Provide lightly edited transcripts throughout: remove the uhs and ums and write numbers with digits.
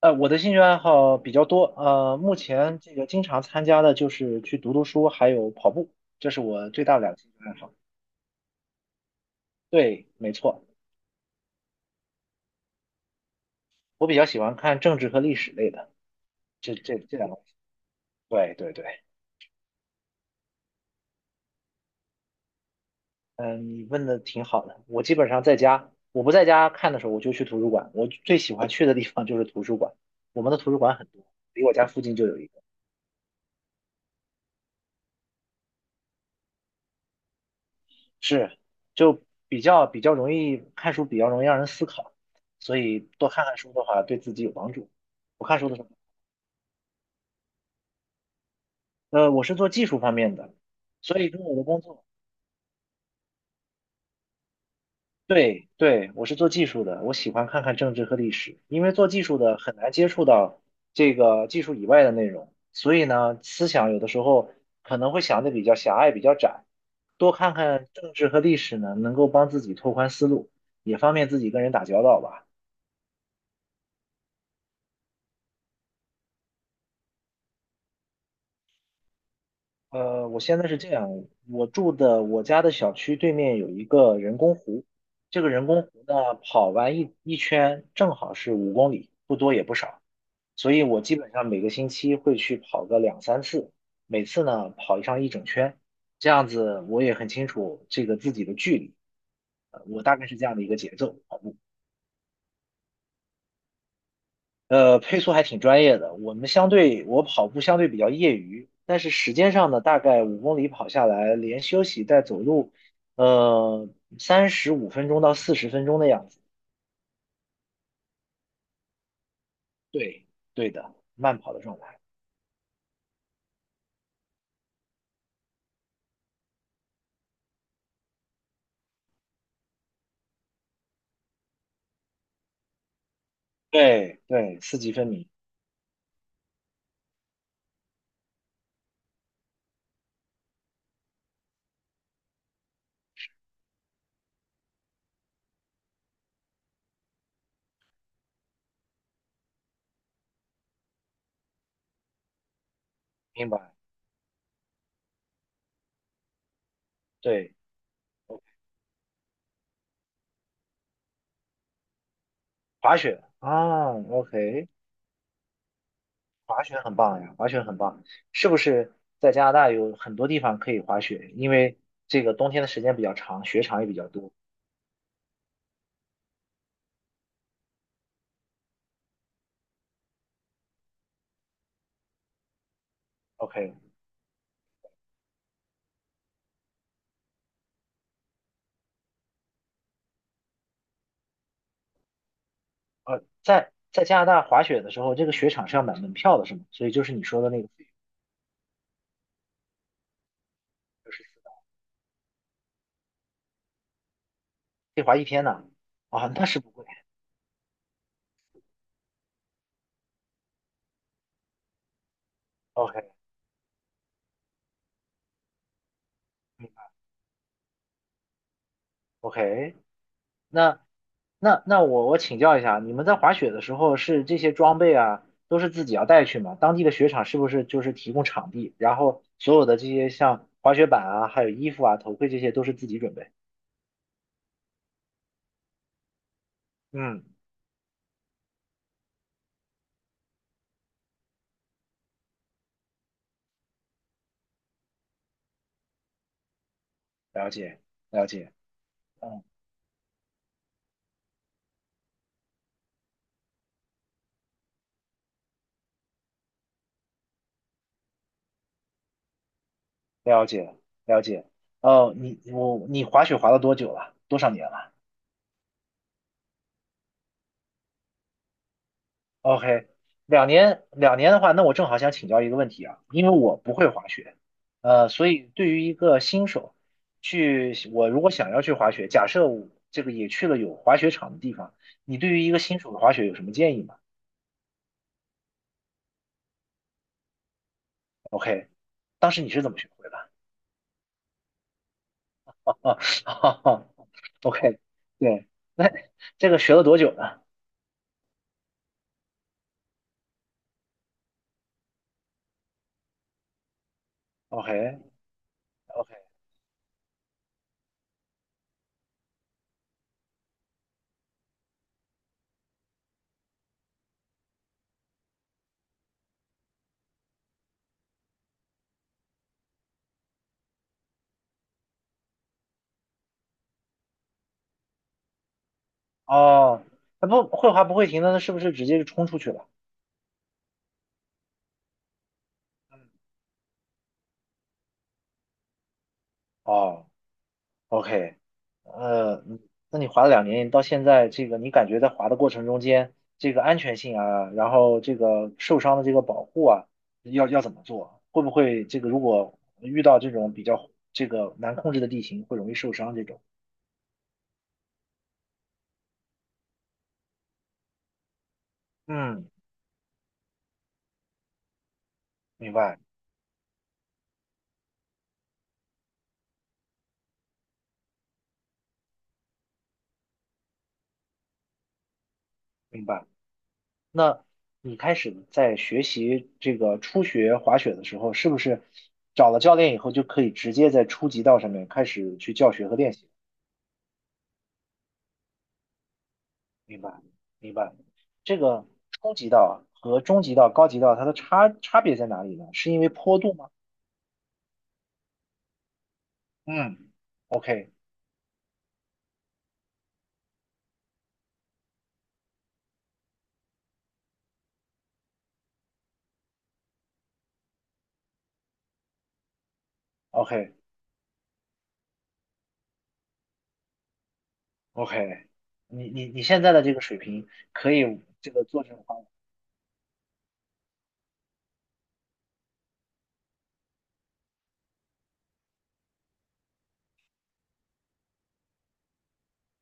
我的兴趣爱好比较多，目前这个经常参加的就是去读读书，还有跑步，这是我最大的两个兴趣爱好。对，没错，我比较喜欢看政治和历史类的，这两个。对对对，嗯，你问的挺好的。我基本上在家，我不在家看的时候，我就去图书馆。我最喜欢去的地方就是图书馆，我们的图书馆很多，离我家附近就有一个。是，就比较容易看书，比较容易让人思考，所以多看看书的话，对自己有帮助。我看书的时候，我是做技术方面的，所以跟我的工作，对对，我是做技术的，我喜欢看看政治和历史，因为做技术的很难接触到这个技术以外的内容，所以呢，思想有的时候可能会想的比较狭隘，比较窄，多看看政治和历史呢，能够帮自己拓宽思路，也方便自己跟人打交道吧。我现在是这样，我家的小区对面有一个人工湖，这个人工湖呢，跑完一圈正好是五公里，不多也不少，所以我基本上每个星期会去跑个两三次，每次呢跑上一整圈，这样子我也很清楚这个自己的距离，我大概是这样的一个节奏。配速还挺专业的。我跑步相对比较业余，但是时间上呢，大概五公里跑下来，连休息带走路，呃，35分钟到40分钟的样子。对，对的，慢跑的状态。对对，四级分明，明白。对，滑雪啊，OK，滑雪很棒呀，滑雪很棒。是不是在加拿大有很多地方可以滑雪？因为这个冬天的时间比较长，雪场也比较多。OK，在加拿大滑雪的时候，这个雪场是要买门票的，是吗？所以就是你说的那个费用，就是可以滑一天呢。啊，那是不贵。OK，明白。 OK，那那我请教一下，你们在滑雪的时候是这些装备啊，都是自己要带去吗？当地的雪场是不是就是提供场地，然后所有的这些像滑雪板啊，还有衣服啊、头盔这些都是自己准备？嗯，了解，了解，嗯，了解，了解。哦，你滑雪滑了多久了？多少年了？OK。两年的话，那我正好想请教一个问题啊，因为我不会滑雪，所以对于一个新手，我如果想要去滑雪，假设我这个也去了有滑雪场的地方，你对于一个新手的滑雪有什么建议吗？OK，当时你是怎么学会的？哈哈。 OK。 对，那这个学了多久呢？OK。 OK，哦，那不会滑不会停的，那是不是直接就冲出去了？哦，OK。呃，嗯那你滑了两年，到现在这个你感觉在滑的过程中间，这个安全性啊，然后这个受伤的这个保护啊，要怎么做？会不会这个如果遇到这种比较这个难控制的地形，会容易受伤这种？嗯，明白明白。那你开始在学习这个初学滑雪的时候，是不是找了教练以后就可以直接在初级道上面开始去教学和练习？明白，明白。这个初级道和中级道、高级道，它的差别在哪里呢？是因为坡度吗？嗯，OK，OK，OK。你现在的这个水平可以这个做这种花法。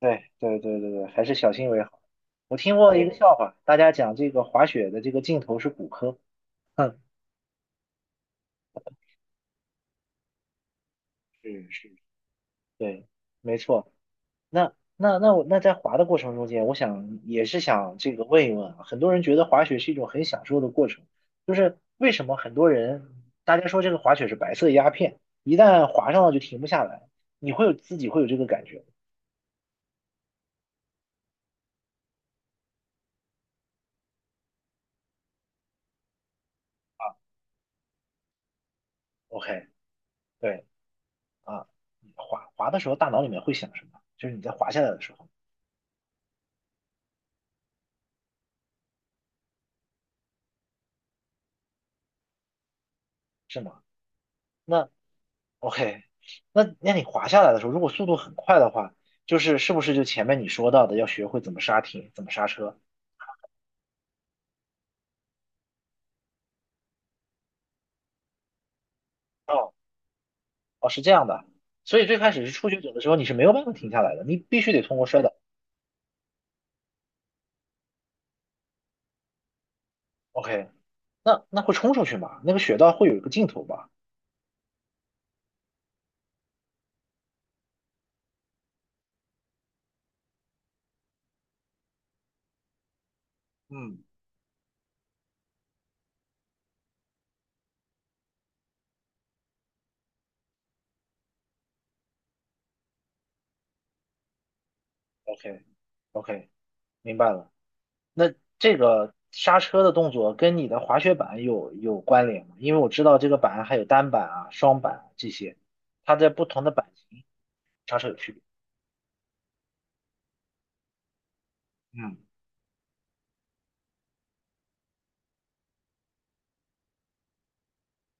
对对对对对，还是小心为好。我听过一个笑话，大家讲这个滑雪的这个尽头是骨科。哼，是是，对，没错。那在滑的过程中间，我想也是想这个问一问啊，很多人觉得滑雪是一种很享受的过程，就是为什么很多人大家说这个滑雪是白色鸦片，一旦滑上了就停不下来，你会有自己会有这个感觉。OK，对啊，你滑的时候大脑里面会想什么？就是你在滑下来的时候，是吗？那 OK，那你滑下来的时候，如果速度很快的话，就是是不是就前面你说到的要学会怎么刹停、怎么刹车？哦。哦，是这样的，所以最开始是初学者的时候，你是没有办法停下来的，你必须得通过摔倒。OK，那会冲出去吗？那个雪道会有一个尽头吧？嗯，OK， OK，明白了。那这个刹车的动作跟你的滑雪板有关联吗？因为我知道这个板还有单板啊、双板啊这些，它在不同的板型刹车有区别。嗯，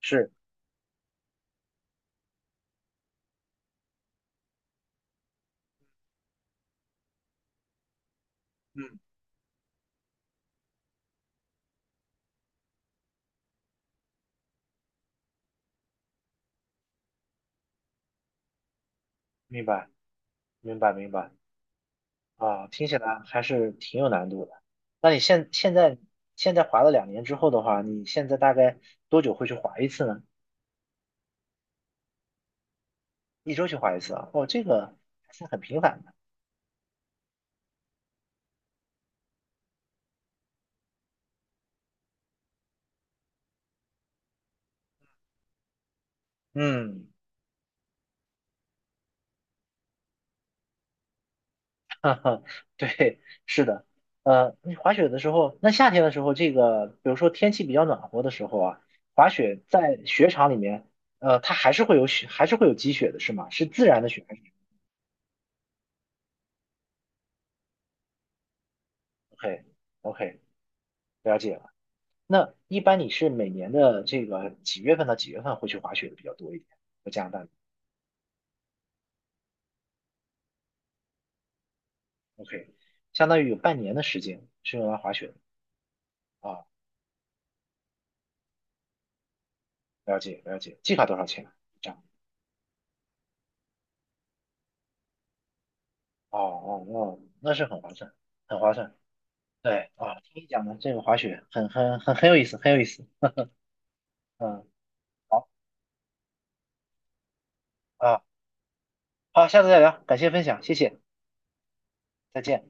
是，嗯，明白明白明白。啊，听起来还是挺有难度的。那你现在滑了两年之后的话，你现在大概多久会去滑一次呢？一周去滑一次啊？哦，这个还是很频繁的。嗯，哈哈，对，是的。你滑雪的时候，那夏天的时候，这个比如说天气比较暖和的时候啊，滑雪在雪场里面，它还是会有雪，还是会有积雪的，是吗？是自然的雪还是？OK，OK，了解。那一般你是每年的这个几月份到几月份会去滑雪的比较多一点？在加拿大，OK，相当于有半年的时间是用来滑雪的啊。了解了解，季卡多少钱？这样哦哦哦，那是很划算，很划算。对啊，听你讲的这个滑雪很有意思，很有意思。嗯啊，好，下次再聊，感谢分享，谢谢，再见。